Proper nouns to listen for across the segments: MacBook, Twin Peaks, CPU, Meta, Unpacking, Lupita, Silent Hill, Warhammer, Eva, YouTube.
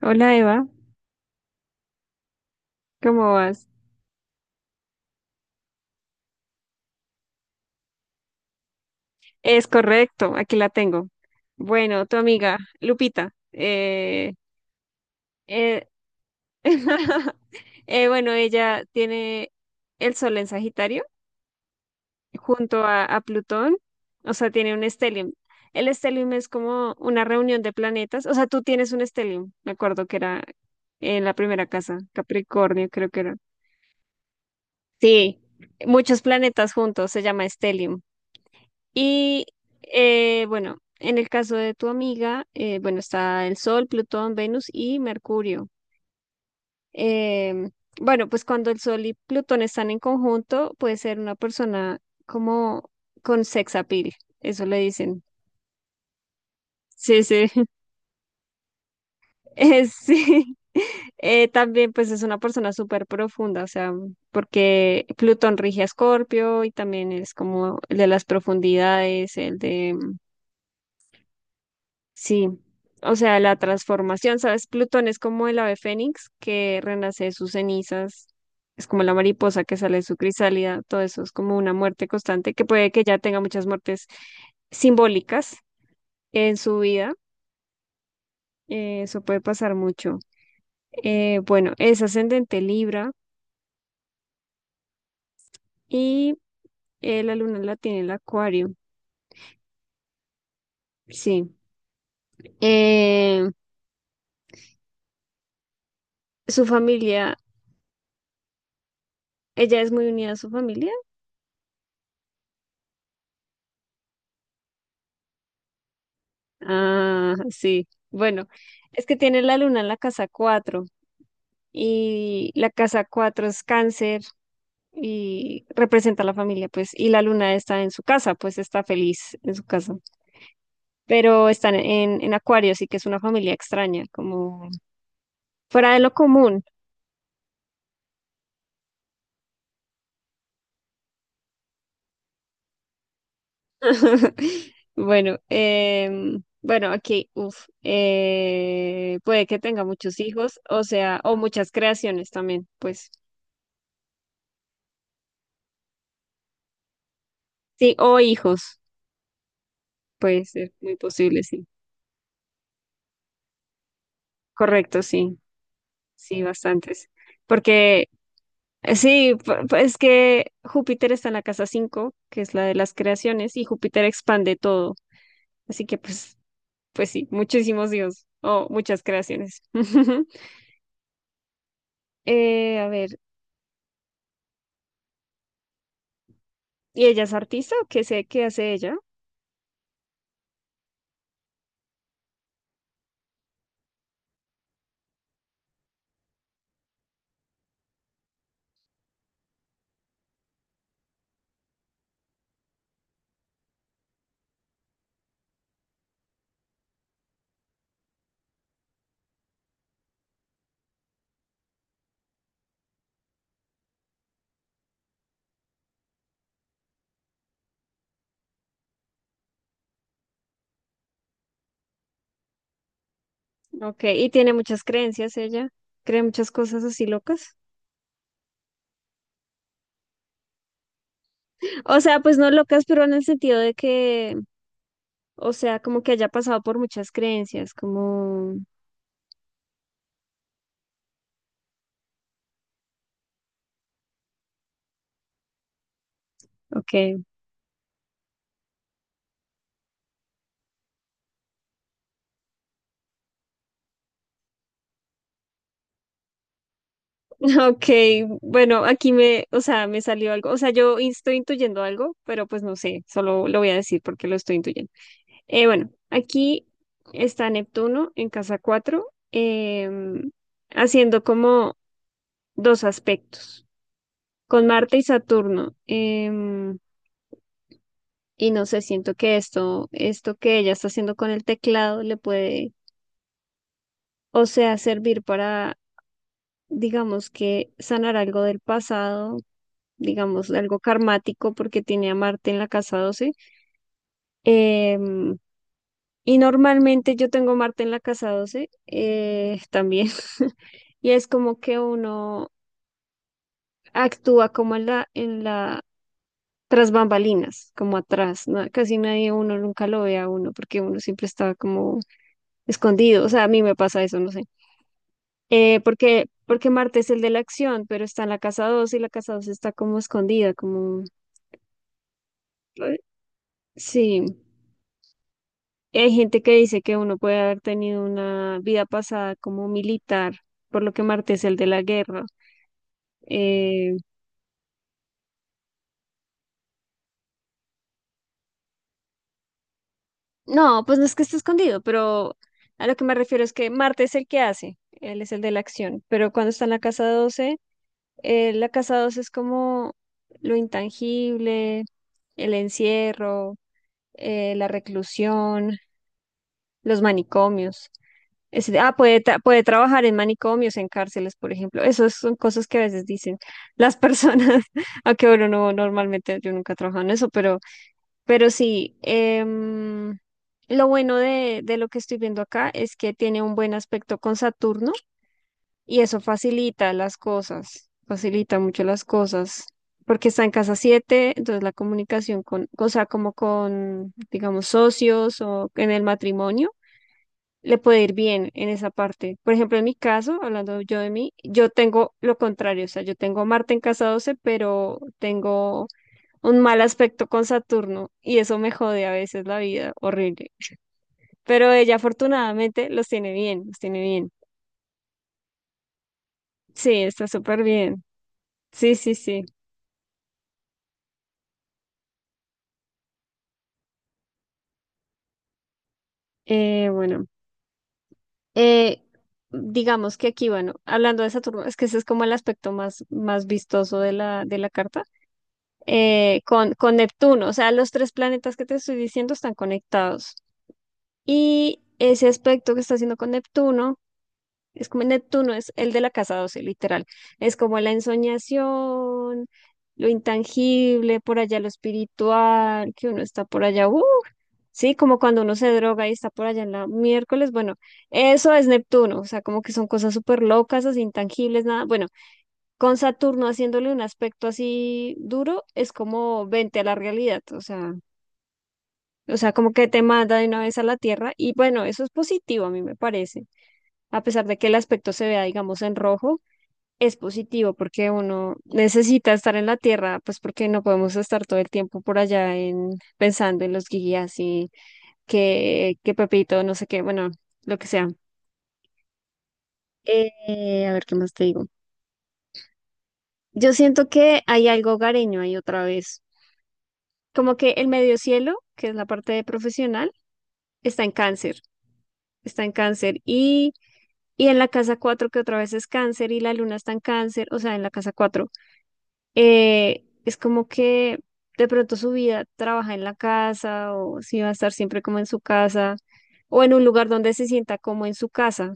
Hola Eva, ¿cómo vas? Es correcto, aquí la tengo. Bueno, tu amiga Lupita. Eh, bueno, ella tiene el Sol en Sagitario junto a Plutón, o sea, tiene un stellium. El stellium es como una reunión de planetas, o sea, tú tienes un stellium, me acuerdo que era en la primera casa, Capricornio creo que era. Sí, muchos planetas juntos, se llama stellium. Y bueno, en el caso de tu amiga, bueno, está el Sol, Plutón, Venus y Mercurio. Em, bueno, pues cuando el Sol y Plutón están en conjunto, puede ser una persona como con sex appeal, eso le dicen. Sí, sí. Sí. También pues es una persona súper profunda, o sea, porque Plutón rige a Escorpio y también es como el de las profundidades, el de sí, o sea, la transformación, ¿sabes? Plutón es como el ave fénix que renace de sus cenizas, es como la mariposa que sale de su crisálida, todo eso es como una muerte constante, que puede que ya tenga muchas muertes simbólicas en su vida, eso puede pasar mucho. Bueno, es ascendente Libra y la luna la tiene el Acuario, sí. Eh, Su familia, ella es muy unida a su familia. Ah, sí. Bueno, es que tiene la luna en la casa 4 y la casa 4 es cáncer y representa a la familia, pues, y la luna está en su casa, pues está feliz en su casa. Pero están en Acuario, así que es una familia extraña, como fuera de lo común. Bueno, bueno, aquí, uf, puede que tenga muchos hijos, o sea, o muchas creaciones también, pues. Sí, o hijos, puede ser muy posible, sí. Correcto, sí, sí, bastantes. Porque sí, es que Júpiter está en la casa 5, que es la de las creaciones, y Júpiter expande todo. Así que pues sí, muchísimos dios o muchas creaciones. A ver, ¿y ella es artista o qué sé qué hace ella? Ok, y tiene muchas creencias ella. Cree muchas cosas así locas. O sea, pues no locas, pero en el sentido de que, o sea, como que haya pasado por muchas creencias, como, ok. Ok, bueno, aquí me, o sea, me salió algo, o sea, estoy intuyendo algo, pero pues no sé, solo lo voy a decir porque lo estoy intuyendo. Bueno, aquí está Neptuno en casa 4, haciendo como dos aspectos, con Marte y Saturno. Y no sé, siento que esto que ella está haciendo con el teclado le puede, o sea, servir para, digamos que sanar algo del pasado, digamos, algo karmático porque tiene a Marte en la casa 12. Em, y normalmente yo tengo Marte en la casa 12, también. Y es como que uno actúa como tras bambalinas, como atrás, ¿no? Casi nadie, uno nunca lo ve a uno, porque uno siempre está como escondido, o sea, a mí me pasa eso, no sé. Porque Marte es el de la acción, pero está en la casa doce y la casa doce está como escondida, como... Sí, hay gente que dice que uno puede haber tenido una vida pasada como militar, por lo que Marte es el de la guerra. Eh, no, pues no es que esté escondido, pero a lo que me refiero es que Marte es el que hace, él es el de la acción, pero cuando está en la casa 12, la casa 12 es como lo intangible, el encierro, la reclusión, los manicomios. Puede, puede trabajar en manicomios, en cárceles, por ejemplo. Esas son cosas que a veces dicen las personas, aunque bueno, no, normalmente yo nunca he trabajado en eso, pero, sí, lo bueno de lo que estoy viendo acá es que tiene un buen aspecto con Saturno y eso facilita las cosas, facilita mucho las cosas, porque está en casa siete, entonces la comunicación con, o sea, como con, digamos, socios o en el matrimonio le puede ir bien en esa parte. Por ejemplo, en mi caso, hablando yo de mí, yo tengo lo contrario, o sea, yo tengo Marte en casa 12, pero tengo un mal aspecto con Saturno y eso me jode a veces la vida, horrible. Pero ella afortunadamente los tiene bien, los tiene bien. Sí, está súper bien. Sí, sí, sí. Bueno, eh, digamos que aquí, bueno, hablando de Saturno, es que ese es como el aspecto más, más vistoso de la, carta, con Neptuno. O sea, los tres planetas que te estoy diciendo están conectados. Y ese aspecto que está haciendo con Neptuno, es como Neptuno, es el de la casa 12, literal. Es como la ensoñación, lo intangible, por allá lo espiritual, que uno está por allá, ¡uh! Sí, como cuando uno se droga y está por allá en la miércoles, bueno, eso es Neptuno, o sea, como que son cosas súper locas, así intangibles, nada, bueno, con Saturno haciéndole un aspecto así duro, es como vente a la realidad, o sea, como que te manda de una vez a la Tierra y bueno, eso es positivo a mí me parece. A pesar de que el aspecto se vea, digamos, en rojo, es positivo porque uno necesita estar en la Tierra, pues porque no podemos estar todo el tiempo por allá en pensando en los guías y que Pepito, no sé qué, bueno, lo que sea. A ver qué más te digo. Yo siento que hay algo hogareño ahí otra vez, como que el medio cielo, que es la parte de profesional, está en cáncer, está en cáncer y en la casa 4 que otra vez es cáncer y la luna está en cáncer, o sea, en la casa cuatro, es como que de pronto su vida trabaja en la casa o si va a estar siempre como en su casa o en un lugar donde se sienta como en su casa.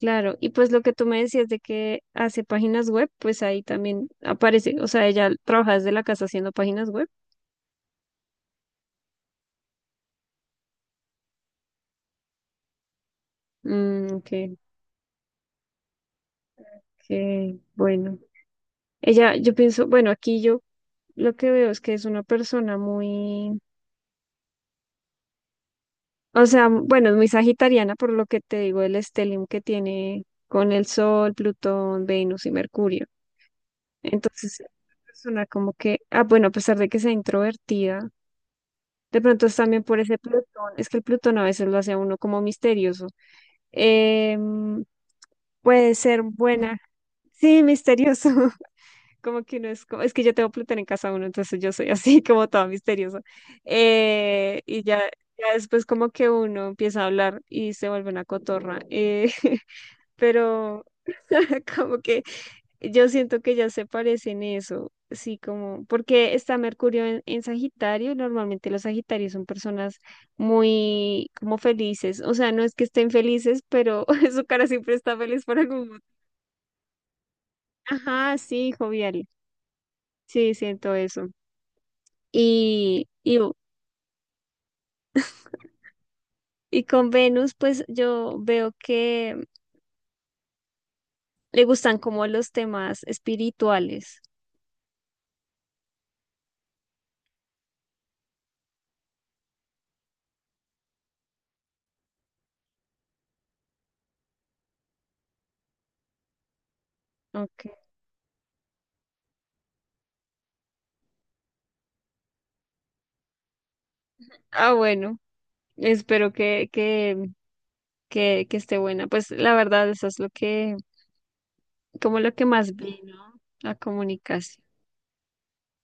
Claro, y pues lo que tú me decías de que hace páginas web, pues ahí también aparece, o sea, ella trabaja desde la casa haciendo páginas web. Mm, ok, ok, bueno. Ella, yo pienso, bueno, aquí yo lo que veo es que es una persona muy, o sea, bueno, es muy sagitariana por lo que te digo, el stellium que tiene con el Sol, Plutón, Venus y Mercurio. Entonces, es una persona como que, ah, bueno, a pesar de que sea introvertida, de pronto es también por ese Plutón, es que el Plutón a veces lo hace a uno como misterioso. Em, Puede ser buena, sí, misterioso. Como que no es como, es que yo tengo Plutón en casa uno, entonces yo soy así como toda misteriosa. Y ya, ya después como que uno empieza a hablar y se vuelve una cotorra. Pero como que yo siento que ya se parecen eso, sí, como, porque está Mercurio en Sagitario, y normalmente los Sagitarios son personas muy como felices, o sea, no es que estén felices, pero su cara siempre está feliz por algún motivo. Ajá, sí, jovial, sí, siento eso. Y, y, y con Venus, pues yo veo que le gustan como los temas espirituales. Okay. Ah, bueno, espero que esté buena. Pues la verdad, eso es lo que, como lo que más vi, ¿no? La comunicación.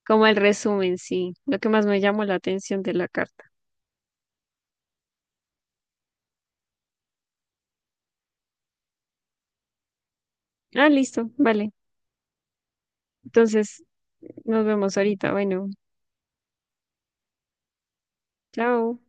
Como el resumen, sí. Lo que más me llamó la atención de la carta. Ah, listo, vale. Entonces, nos vemos ahorita. Bueno, chao.